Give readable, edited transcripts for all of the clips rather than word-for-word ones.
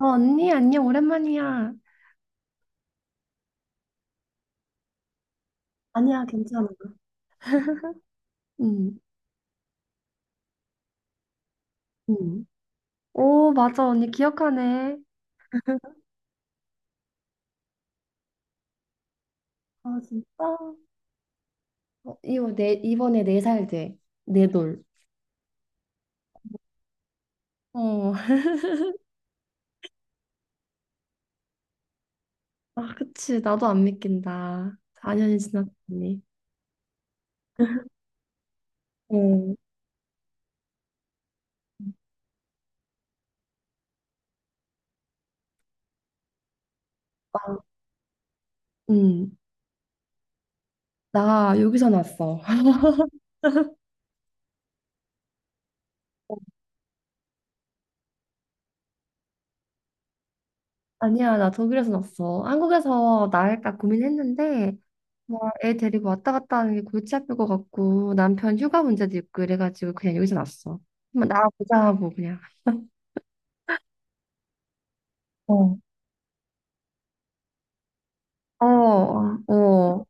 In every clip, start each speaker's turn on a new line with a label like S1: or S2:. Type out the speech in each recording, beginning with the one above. S1: 어, 언니, 안녕, 오랜만이야. 아니야, 괜찮아. 응, 응. 오, 맞아, 언니, 기억하네. 아, 진짜? 어, 이거 이번에 네 살 돼. 네 돌. 어, 아, 그치, 나도 안 믿긴다. 4년이 지났더니. 어, 나, 응, 나 여기서 났어. 아니야, 나 독일에서 났어. 한국에서 나을까 고민했는데, 뭐, 애 데리고 왔다 갔다 하는 게 골치 아플 것 같고, 남편 휴가 문제도 있고, 이래가지고 그냥 여기서 났어. 한번 나가보자 하고, 그냥. 어, 어, 어,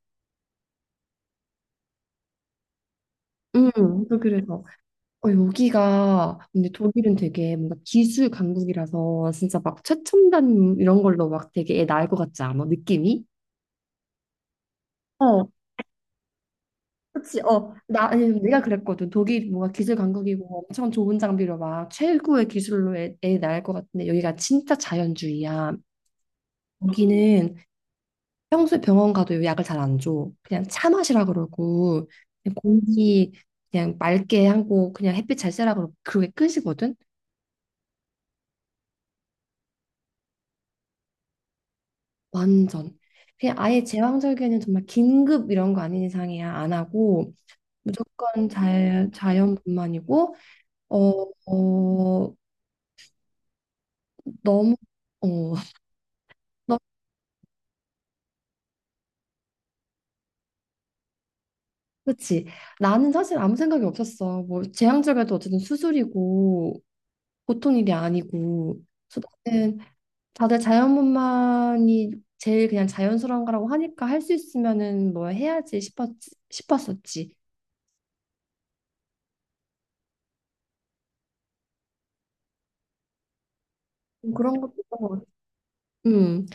S1: 독일에서. 어, 근데 독일은 되게 뭔가 기술 강국이라서, 진짜 막 최첨단 이런 걸로 막 되게 애 낳을 것 같지 않아? 느낌이? 어, 그치, 어, 아니, 내가 그랬거든. 독일 뭔가 기술 강국이고 엄청 좋은 장비로 막 최고의 기술로 애 낳을 것 같은데 여기가 진짜 자연주의야. 여기는 평소에 병원 가도 약을 잘 안 줘. 그냥 차 마시라 그러고, 그냥 공기 그냥 맑게 하고, 그냥 햇빛 잘 쐬라 그러고, 그게 끝이거든? 완전. 그냥 아예 제왕절개는 정말 긴급 이런 거 아닌 이상이야. 안 하고, 무조건 자연뿐만이고, 어, 어, 너무, 어. 그치? 나는 사실 아무 생각이 없었어. 뭐 재앙절개도 어쨌든 수술이고 보통 일이 아니고. 그래서 나는 다들 자연분만이 제일 그냥 자연스러운 거라고 하니까 할 수 있으면은 뭐 해야지 싶었었지. 좀 그런 것도 있던 것 같아. 음.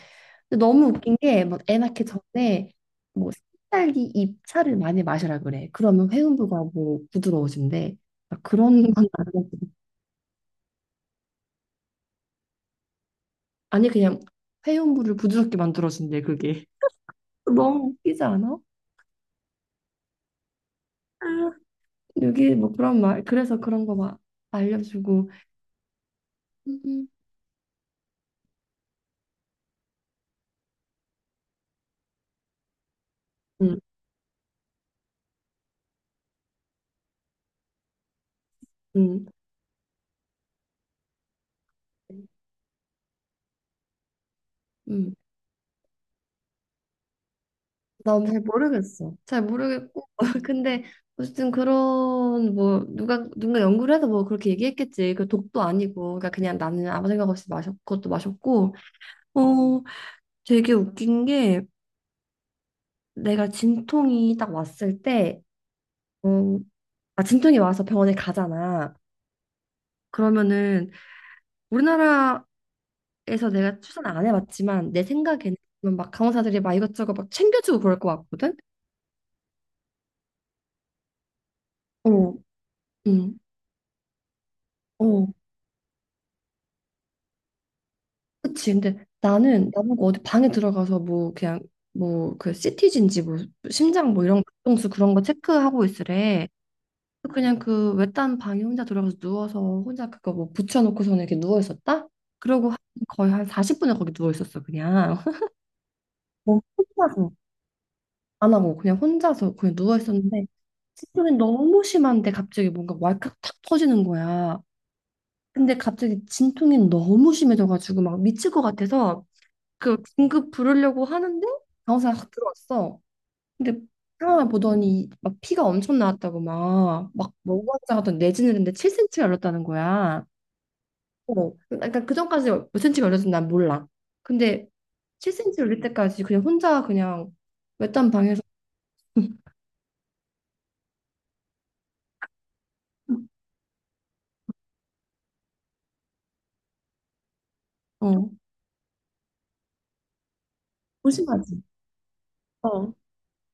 S1: 근데 너무 웃긴 게 뭐 애 낳기 전에 뭐 산딸기 잎차를 많이 마시라 그래. 그러면 회음부가 뭐 부드러워진대. 나 그런 건 아니고. 아니 그냥 회음부를 부드럽게 만들어준대 그게. 너무 웃기지 않아? 아. 여기 뭐 그런 말 그래서 그런 거 막 알려주고. 음, 음, 음, 음. 난 잘 모르겠어 잘 모르겠고 근데 어쨌든 그런 뭐 누가 누가 연구를 해서 뭐 그렇게 얘기했겠지 그 독도 아니고 그러니까 그냥 나는 아무 생각 없이 마셨 그것도 마셨고. 어 되게 웃긴 게, 내가 진통이 딱 왔을 때, 어 진통이 와서 병원에 가잖아. 그러면은 우리나라 에서 내가 추천 안 해봤지만 내 생각에는 막 간호사들이 막 이것저것 막 챙겨주고 그럴 것 같거든. 어, 응, 어, 그치. 근데 나는 나보고 어디 방에 들어가서 뭐 그냥 뭐그티지인지 뭐 심장 뭐 이런 박동수 그런 거 체크하고 있으래. 그냥 그 외딴 방에 혼자 들어가서 누워서 혼자 그거 뭐 붙여놓고서는 이렇게 누워 있었다. 그러고 거의 한 40분을 거기 누워 있었어 그냥. 뭐 혼자서 안 하고 그냥 혼자서 그냥 누워 있었는데. 진통이 너무 심한데 갑자기 뭔가 왈칵 탁 터지는 거야. 근데 갑자기 진통이 너무 심해져가지고 막 미칠 것 같아서 그 긴급 부르려고 하는데 간호사가 확 들어왔어. 근데 상황을 보더니 막 피가 엄청 나왔다고 막 뭐가 하던 내진을 했는데 7cm가 열렸다는 거야. 어, 그러니까 그 전까지 몇 cm가 열렸는지 난 몰라. 근데 7cm 열릴 때까지 그냥 혼자 그냥 외딴 방에서. 어, 조심하지. 어,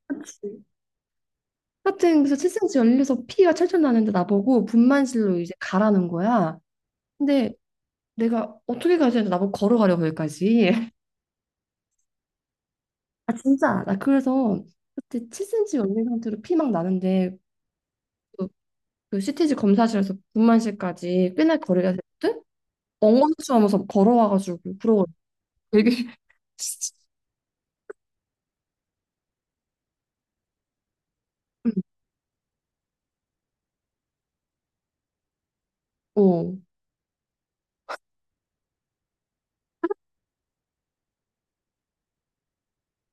S1: 그치. 하여튼 그래서 7cm 열려서 피가 철철 나는데 나보고 분만실로 이제 가라는 거야. 근데 내가 어떻게 가야 되는데 나보고 걸어가려고 거기까지. 아 진짜 나 그래서 그때 7cm 열린 상태로 피 막 나는데, 그, 그 CTG 검사실에서 분만실까지 꽤나 거리가 됐거든? 엉거주춤하면서 걸어와가지고 그러고 되게. 음, 어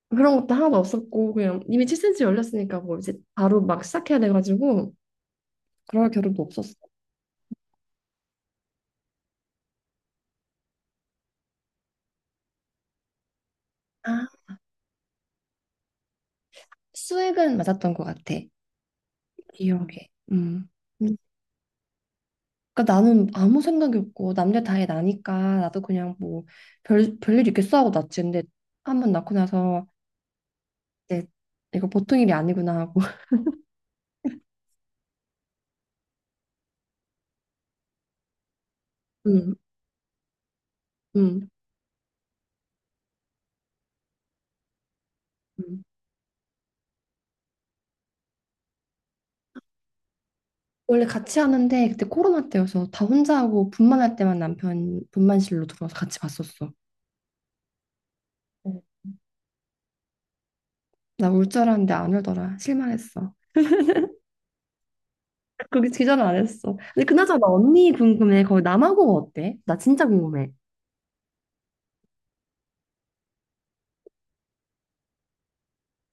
S1: 그런 것도 하나도 없었고 그냥 이미 7cm 열렸으니까 뭐 이제 바로 막 시작해야 돼가지고 그럴 겨를도 없었어. 아, 수액은 맞았던 것 같아. 기억에. 음. 음. 그러니까 나는 아무 생각이 없고 남들 다해 나니까 나도 그냥 뭐 별일 있겠어 하고 낳지. 근데 한번 낳고 나서 이제 이거 보통 일이 아니구나 하고. 음, 음, 음. 원래 같이 하는데 그때 코로나 때여서 다 혼자 하고 분만할 때만 남편 분만실로 들어와서 같이 봤었어. 나 울 줄 알았는데 안 울더라. 실망했어. 거기 기절 안 했어. 근데 그나저나 언니 궁금해. 거기 남아공 어때? 나 진짜 궁금해.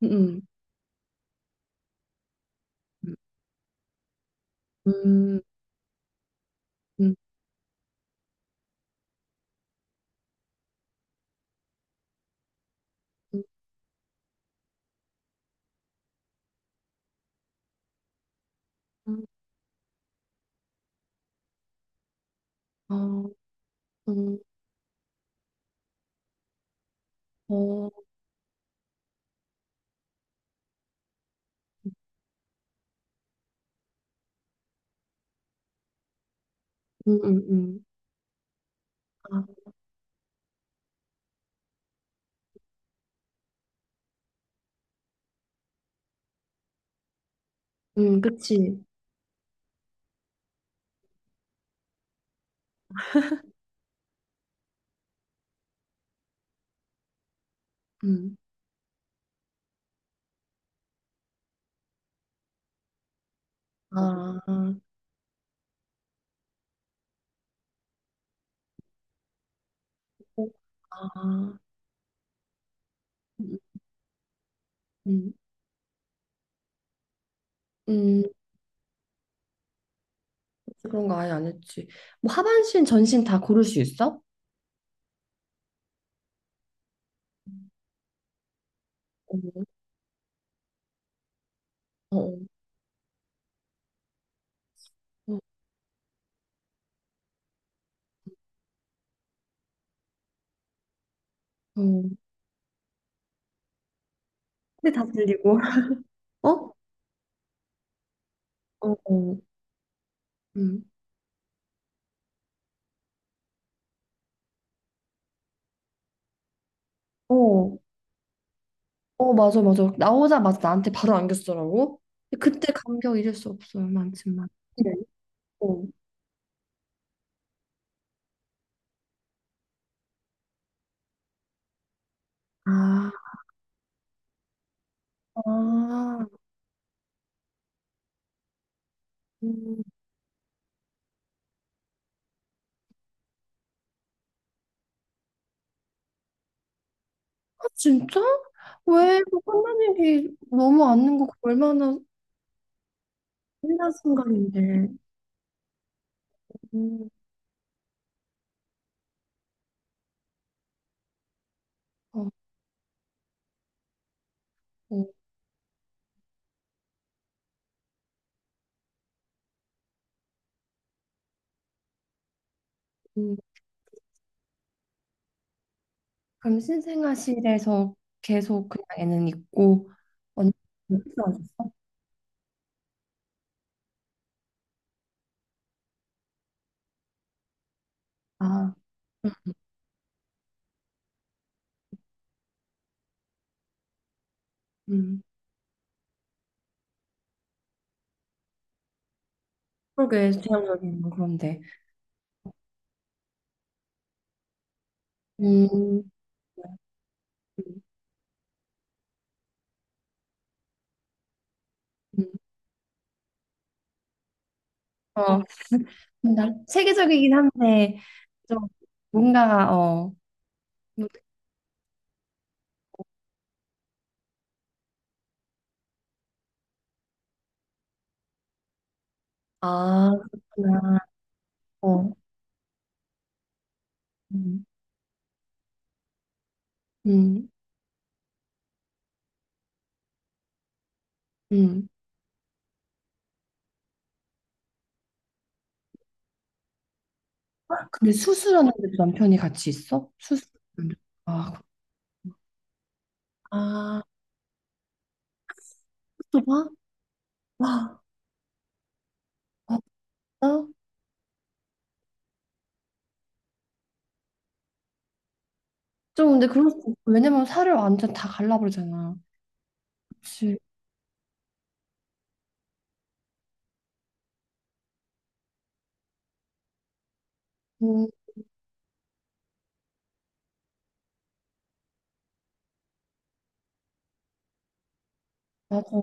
S1: 응, 응. 음, 음, 음. 어, 음, 어, 음, 음, 음. 아, 그치. 음. 아, 어, 아, 음, 음, 음, 그런 거 아예 안 했지. 뭐 하반신, 전신 다 고를 수 있어? 어, 어, 어, 어. 근데 다 들리고. 어? 어, 어, 음. 어, 어, 맞아, 맞아. 나오자마자 나한테 바로 안겼더라고. 근데 그때 감격 잊을 수 없어요, 많지만. 네. 어. 아, 아, 아 진짜? 왜? 그 끝난 일이 너무 않는 거 얼마나 신난 순간인데. 음, 어, 어, 음. 그럼 신생아실에서 계속 그냥 애는 있고. 언니 어디서 왔어? 아, 음. 그러게 제한적인 거 그런데. 음, 음, 음. 어, 나 세계적이긴 한데 좀 뭔가 어. 아, 그렇구나. 어. 음. 음. 음. 근데 수술하는 데 도 남편이 같이 있어? 수술. 아, 아, 수술방? 와, 아, 진짜? 좀 근데 그럴 수 있어. 왜냐면 살을 완전 다 갈라버리잖아. 그치. 음, 맞아.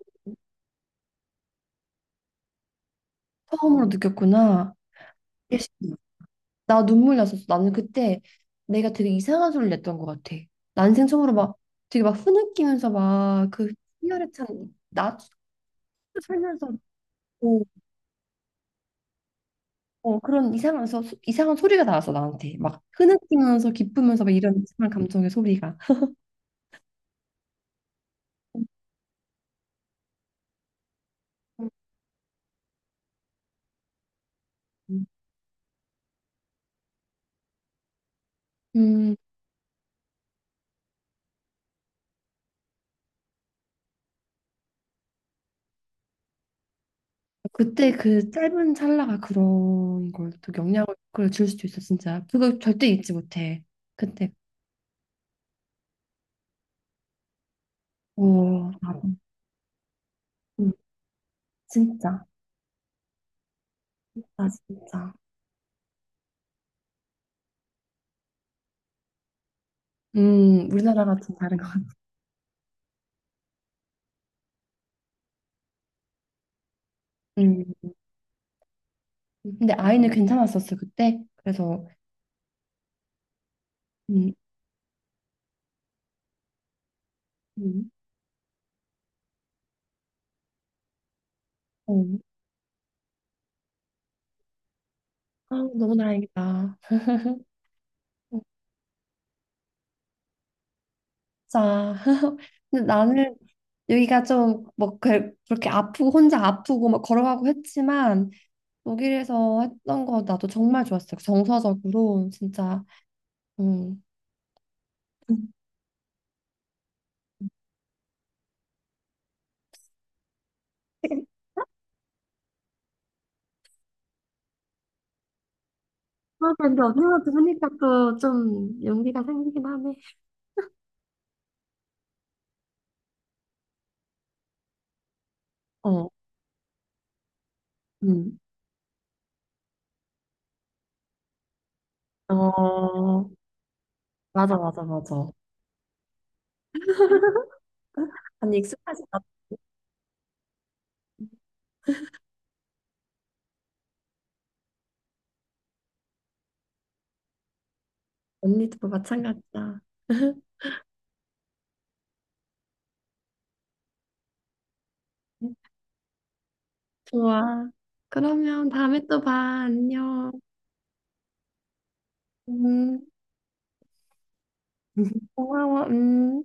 S1: 처음으로 느꼈구나. 이게 심- 나 눈물 났었어. 나는 그때 내가 되게 이상한 소리를 냈던 것 같아. 난생 처음으로 막 되게 막 흐느끼면서 막 그 희열에 찬나 살면서 뭐 어, 그런 이상해서 이상한 소리가 나왔어. 나한테 막 흐느끼면서 기쁘면서 막 이런 이상한 감정의 소리가. 음, 음, 그때 그 짧은 찰나가 그런 걸 또 영향을 그걸 줄 수도 있어. 진짜 그거 절대 잊지 못해 그때. 오, 나도. 음, 진짜. 아 진짜. 우리나라가 좀 다른 것 같아. 음. 근데 아이는 괜찮았었어 그때 그래서. 음, 음, 어. 아, 너무 다행이다. 자 짜 근데 나는 여기가 좀뭐 그, 그렇게 아프고 혼자 아프고 막 걸어가고 했지만 독일에서 했던 거 나도 정말 좋았어요. 그 정서적으로 진짜. 음. 아, 근데 어디 가서 하니까 또 좀 용기가 생기긴 하네. 어, 음. 어, 맞아, 맞아, 맞아. 아니, 익숙하지 않아. 언니도 마찬가지야. 좋아. 그러면 다음에 또 봐. 안녕. 음, 고마워. 음.